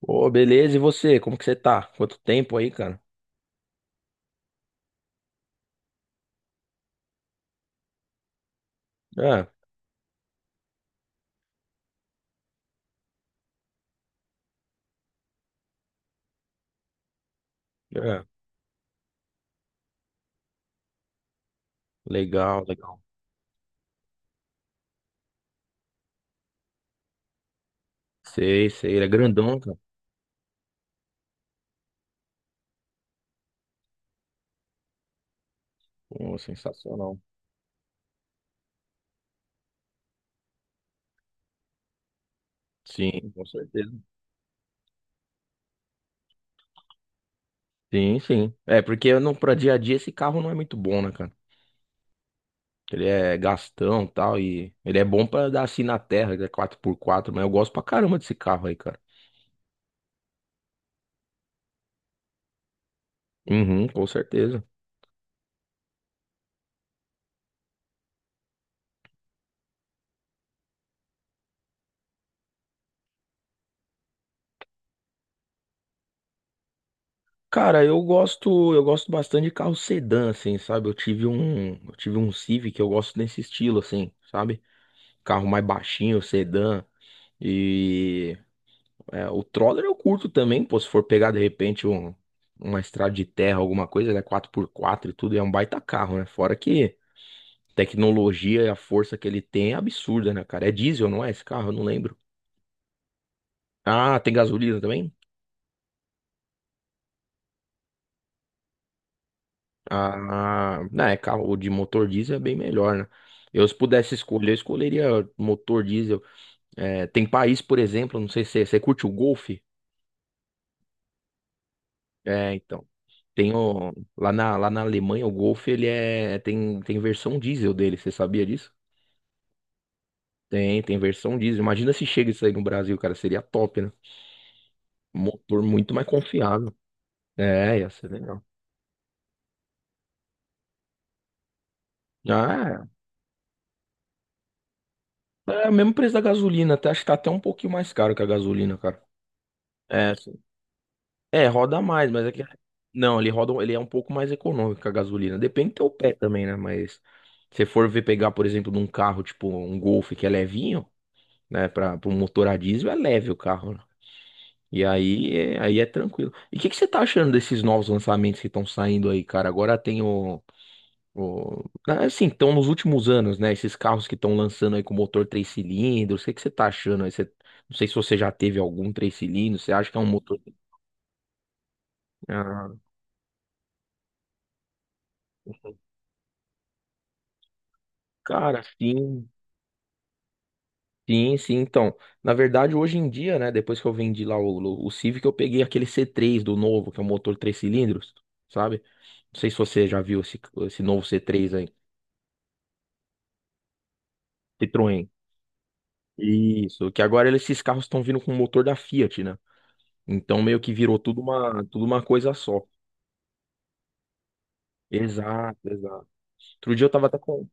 Ô, beleza, e você? Como que você tá? Quanto tempo aí, cara? É, é. Legal, legal. Sei, sei. Ele é grandão, cara. Pô, sensacional. Sim, com certeza. Sim, sim. É, porque eu não, pra dia a dia esse carro não é muito bom, né, cara? Ele é gastão e tal, e ele é bom pra dar assim na terra, ele é quatro por quatro. Mas eu gosto pra caramba desse carro aí, cara. Uhum, com certeza. Cara, eu gosto bastante de carro sedã, assim, sabe? Eu tive um Civic, eu gosto desse estilo, assim, sabe? Carro mais baixinho, sedã. E é, o Troller eu curto também, pô. Se for pegar de repente uma estrada de terra, alguma coisa, ele é quatro por quatro e tudo, é um baita carro, né? Fora que tecnologia e a força que ele tem é absurda, né, cara? É diesel, não é esse carro? Eu não lembro. Ah, tem gasolina também? Ah, não, é carro de motor diesel é bem melhor, né? Eu, se pudesse escolher, eu escolheria motor diesel. É, tem país, por exemplo, não sei se você curte o Golf. É, então. Tem o, lá na Alemanha, o Golf, tem versão diesel dele, você sabia disso? Tem versão diesel. Imagina se chega isso aí no Brasil, cara, seria top, né? Motor muito mais confiável. É, ia ser legal. Ah, é, é o mesmo preço da gasolina, até, acho que tá até um pouquinho mais caro que a gasolina, cara. É, sim. É, roda mais, mas é que. Não, ele roda, ele é um pouco mais econômico que a gasolina. Depende do teu pé também, né? Mas se você for ver pegar, por exemplo, num carro, tipo um Golf que é levinho, né? Pra um motor a diesel, é leve o carro, né? E aí é tranquilo. E o que você tá achando desses novos lançamentos que estão saindo aí, cara? Agora tem ah, assim, estão nos últimos anos, né? Esses carros que estão lançando aí com motor três cilindros. O que você tá achando aí? Você... Não sei se você já teve algum três cilindros. Você acha que é um motor... Ah, cara, sim. Sim, sim. Então, na verdade, hoje em dia, né? Depois que eu vendi lá o Civic, eu peguei aquele c três do novo, que é um motor três cilindros, sabe? Não sei se você já viu esse novo c três aí. Citroën. Isso, que agora esses carros estão vindo com o motor da Fiat, né? Então meio que virou tudo uma coisa só. Exato, exato. Outro dia eu tava até com.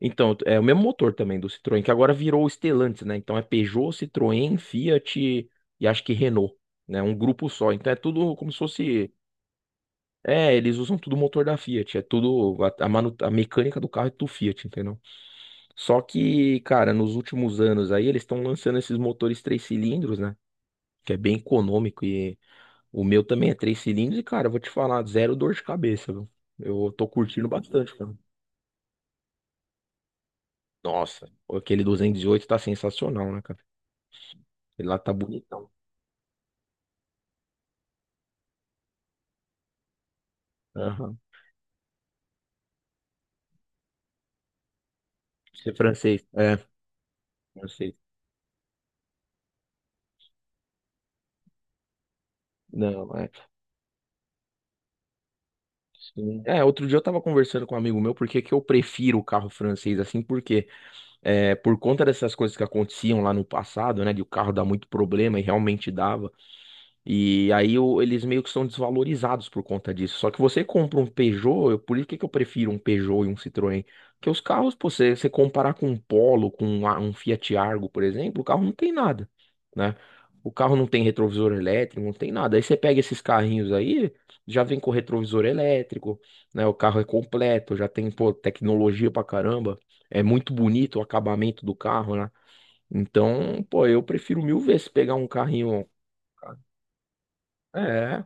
Então, é o mesmo motor também do Citroën, que agora virou o Stellantis, né? Então é Peugeot, Citroën, Fiat e acho que Renault, né? Um grupo só. Então é tudo como se fosse. É, eles usam tudo o motor da Fiat. É tudo. A mecânica do carro é tudo Fiat, entendeu? Só que, cara, nos últimos anos aí eles estão lançando esses motores três cilindros, né? Que é bem econômico e O meu também é três cilindros e, cara, eu vou te falar, zero dor de cabeça, viu? Eu tô curtindo bastante, cara. Nossa, aquele 208 tá sensacional, né, cara? Ele lá tá bonitão. Aham. Isso é francês. É, francês. Não, é. Sim. É, outro dia eu tava conversando com um amigo meu porque que eu prefiro o carro francês assim, porque é, por conta dessas coisas que aconteciam lá no passado, né, de o carro dar muito problema e realmente dava. E aí eles meio que são desvalorizados por conta disso. Só que você compra um Peugeot, por isso que eu prefiro um Peugeot e um Citroën. Porque os carros, pô, você comparar com um Polo, com um Fiat Argo, por exemplo, o carro não tem nada, né? O carro não tem retrovisor elétrico, não tem nada. Aí você pega esses carrinhos aí, já vem com retrovisor elétrico, né? O carro é completo, já tem, pô, tecnologia pra caramba. É muito bonito o acabamento do carro, né? Então, pô, eu prefiro mil vezes pegar um carrinho. É.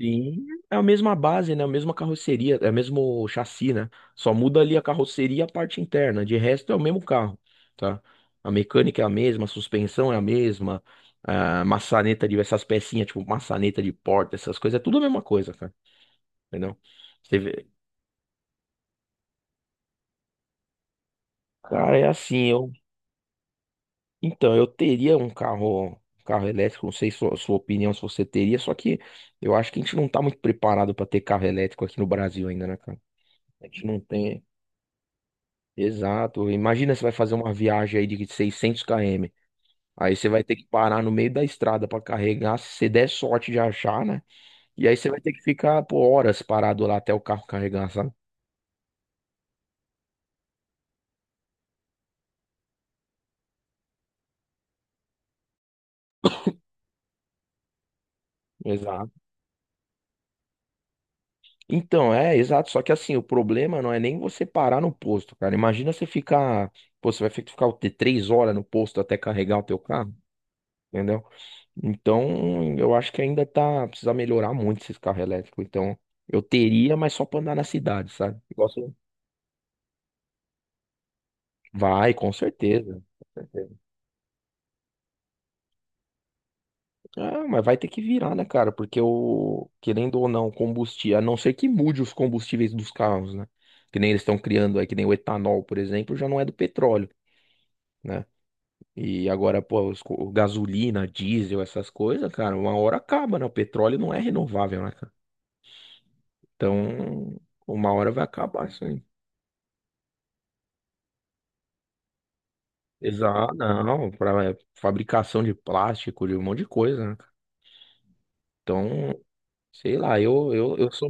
Sim, é a mesma base, né? A mesma carroceria, é o mesmo chassi, né? Só muda ali a carroceria e a parte interna. De resto é o mesmo carro, tá? A mecânica é a mesma, a suspensão é a mesma, a maçaneta de essas pecinhas, tipo maçaneta de porta, essas coisas, é tudo a mesma coisa, cara. Entendeu? Você vê. Cara, é assim, eu. Então, eu teria um carro elétrico, não sei sua opinião se você teria, só que eu acho que a gente não tá muito preparado pra ter carro elétrico aqui no Brasil ainda, né, cara? A gente não tem. Exato. Imagina você vai fazer uma viagem aí de 600 km. Aí você vai ter que parar no meio da estrada para carregar, se você der sorte de achar, né? E aí você vai ter que ficar por horas parado lá até o carro carregar, sabe? Exato. Então, é, exato. Só que assim, o problema não é nem você parar no posto, cara. Imagina você ficar, pô, você vai ter que ficar o quê? 3 horas no posto até carregar o teu carro, entendeu? Então, eu acho que ainda tá, precisa melhorar muito esses carros elétricos. Então, eu teria, mas só para andar na cidade, sabe? Vai, com certeza. Com certeza. Ah, mas vai ter que virar, né, cara? Porque o, querendo ou não, combustível, a não ser que mude os combustíveis dos carros, né? Que nem eles estão criando aí, que nem o etanol, por exemplo, já não é do petróleo, né? E agora, pô, gasolina, diesel, essas coisas, cara, uma hora acaba, né? O petróleo não é renovável, né, cara? Então, uma hora vai acabar isso aí. Exato, não, para fabricação de plástico, de um monte de coisa, né? Então, sei lá, eu sou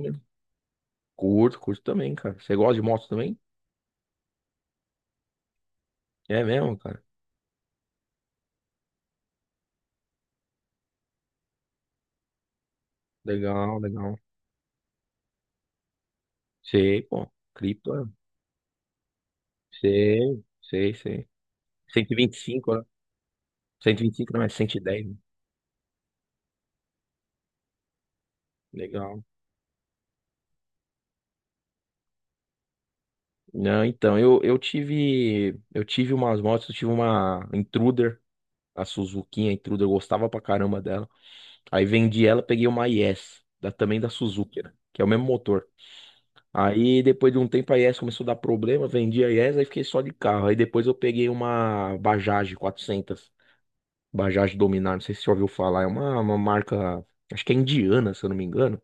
Curto, curto também, cara. Você gosta de moto também? É mesmo, cara. Legal, legal. Sei, pô. Cripto, é. Sei, sei, sei. 125, né? 125 não é 110, né? Legal. Não, então, eu tive umas motos, eu tive uma Intruder, a Suzuki, a Intruder, eu gostava pra caramba dela. Aí vendi ela, peguei uma IS da, também da Suzuki, né? Que é o mesmo motor. Aí depois de um tempo a IES começou a dar problema, vendi a IES, aí fiquei só de carro. Aí depois eu peguei uma Bajaj 400, Bajaj Dominar, não sei se você já ouviu falar, é uma marca, acho que é indiana, se eu não me engano.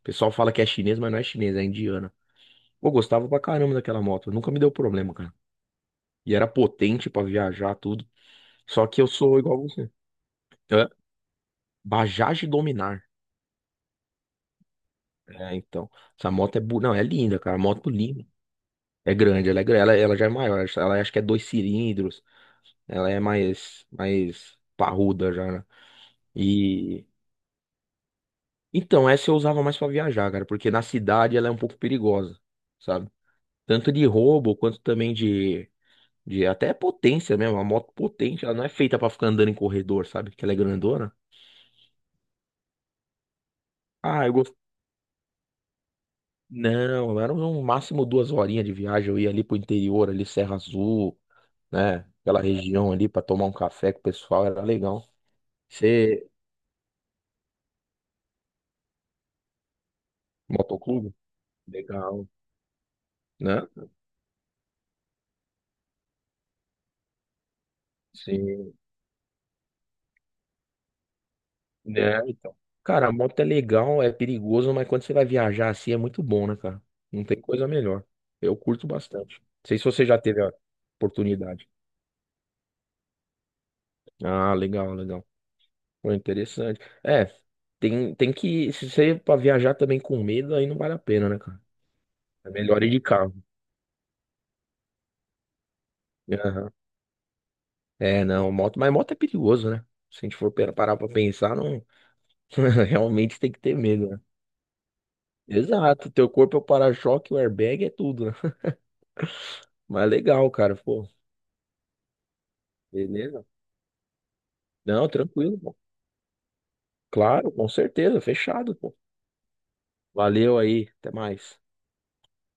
O pessoal fala que é chinês, mas não é chinês, é indiana. Eu gostava pra caramba daquela moto, nunca me deu problema, cara. E era potente pra viajar, tudo. Só que eu sou igual você. Hã? Bajaj Dominar. É, então. Essa moto é, não, é linda, cara, moto linda. É grande, ela é grande, ela já é maior, ela acho que é dois cilindros. Ela é mais parruda já, né? E então, essa eu usava mais pra viajar, cara, porque na cidade ela é um pouco perigosa, sabe? Tanto de roubo quanto também de até potência mesmo. A moto potente, ela não é feita pra ficar andando em corredor, sabe? Que ela é grandona. Ah, eu gosto. Não, era no máximo duas horinhas de viagem. Eu ia ali pro interior, ali Serra Azul, né? Aquela região ali pra tomar um café com o pessoal, era legal. Você, motoclube? Legal, né? Sim. Né, então. Cara, a moto é legal, é perigoso, mas quando você vai viajar assim é muito bom, né, cara? Não tem coisa melhor. Eu curto bastante. Não sei se você já teve a oportunidade. Ah, legal, legal. Foi interessante. É, tem que. Se você ir pra viajar também com medo, aí não vale a pena, né, cara? É melhor ir de carro. Aham. É, não, moto, mas moto é perigoso, né? Se a gente for parar pra pensar, não. Realmente tem que ter medo, né? Exato, teu corpo é o para-choque, o airbag é tudo, né? Mas legal, cara, pô. Beleza. Não, tranquilo, pô. Claro, com certeza, fechado, pô. Valeu aí, até mais.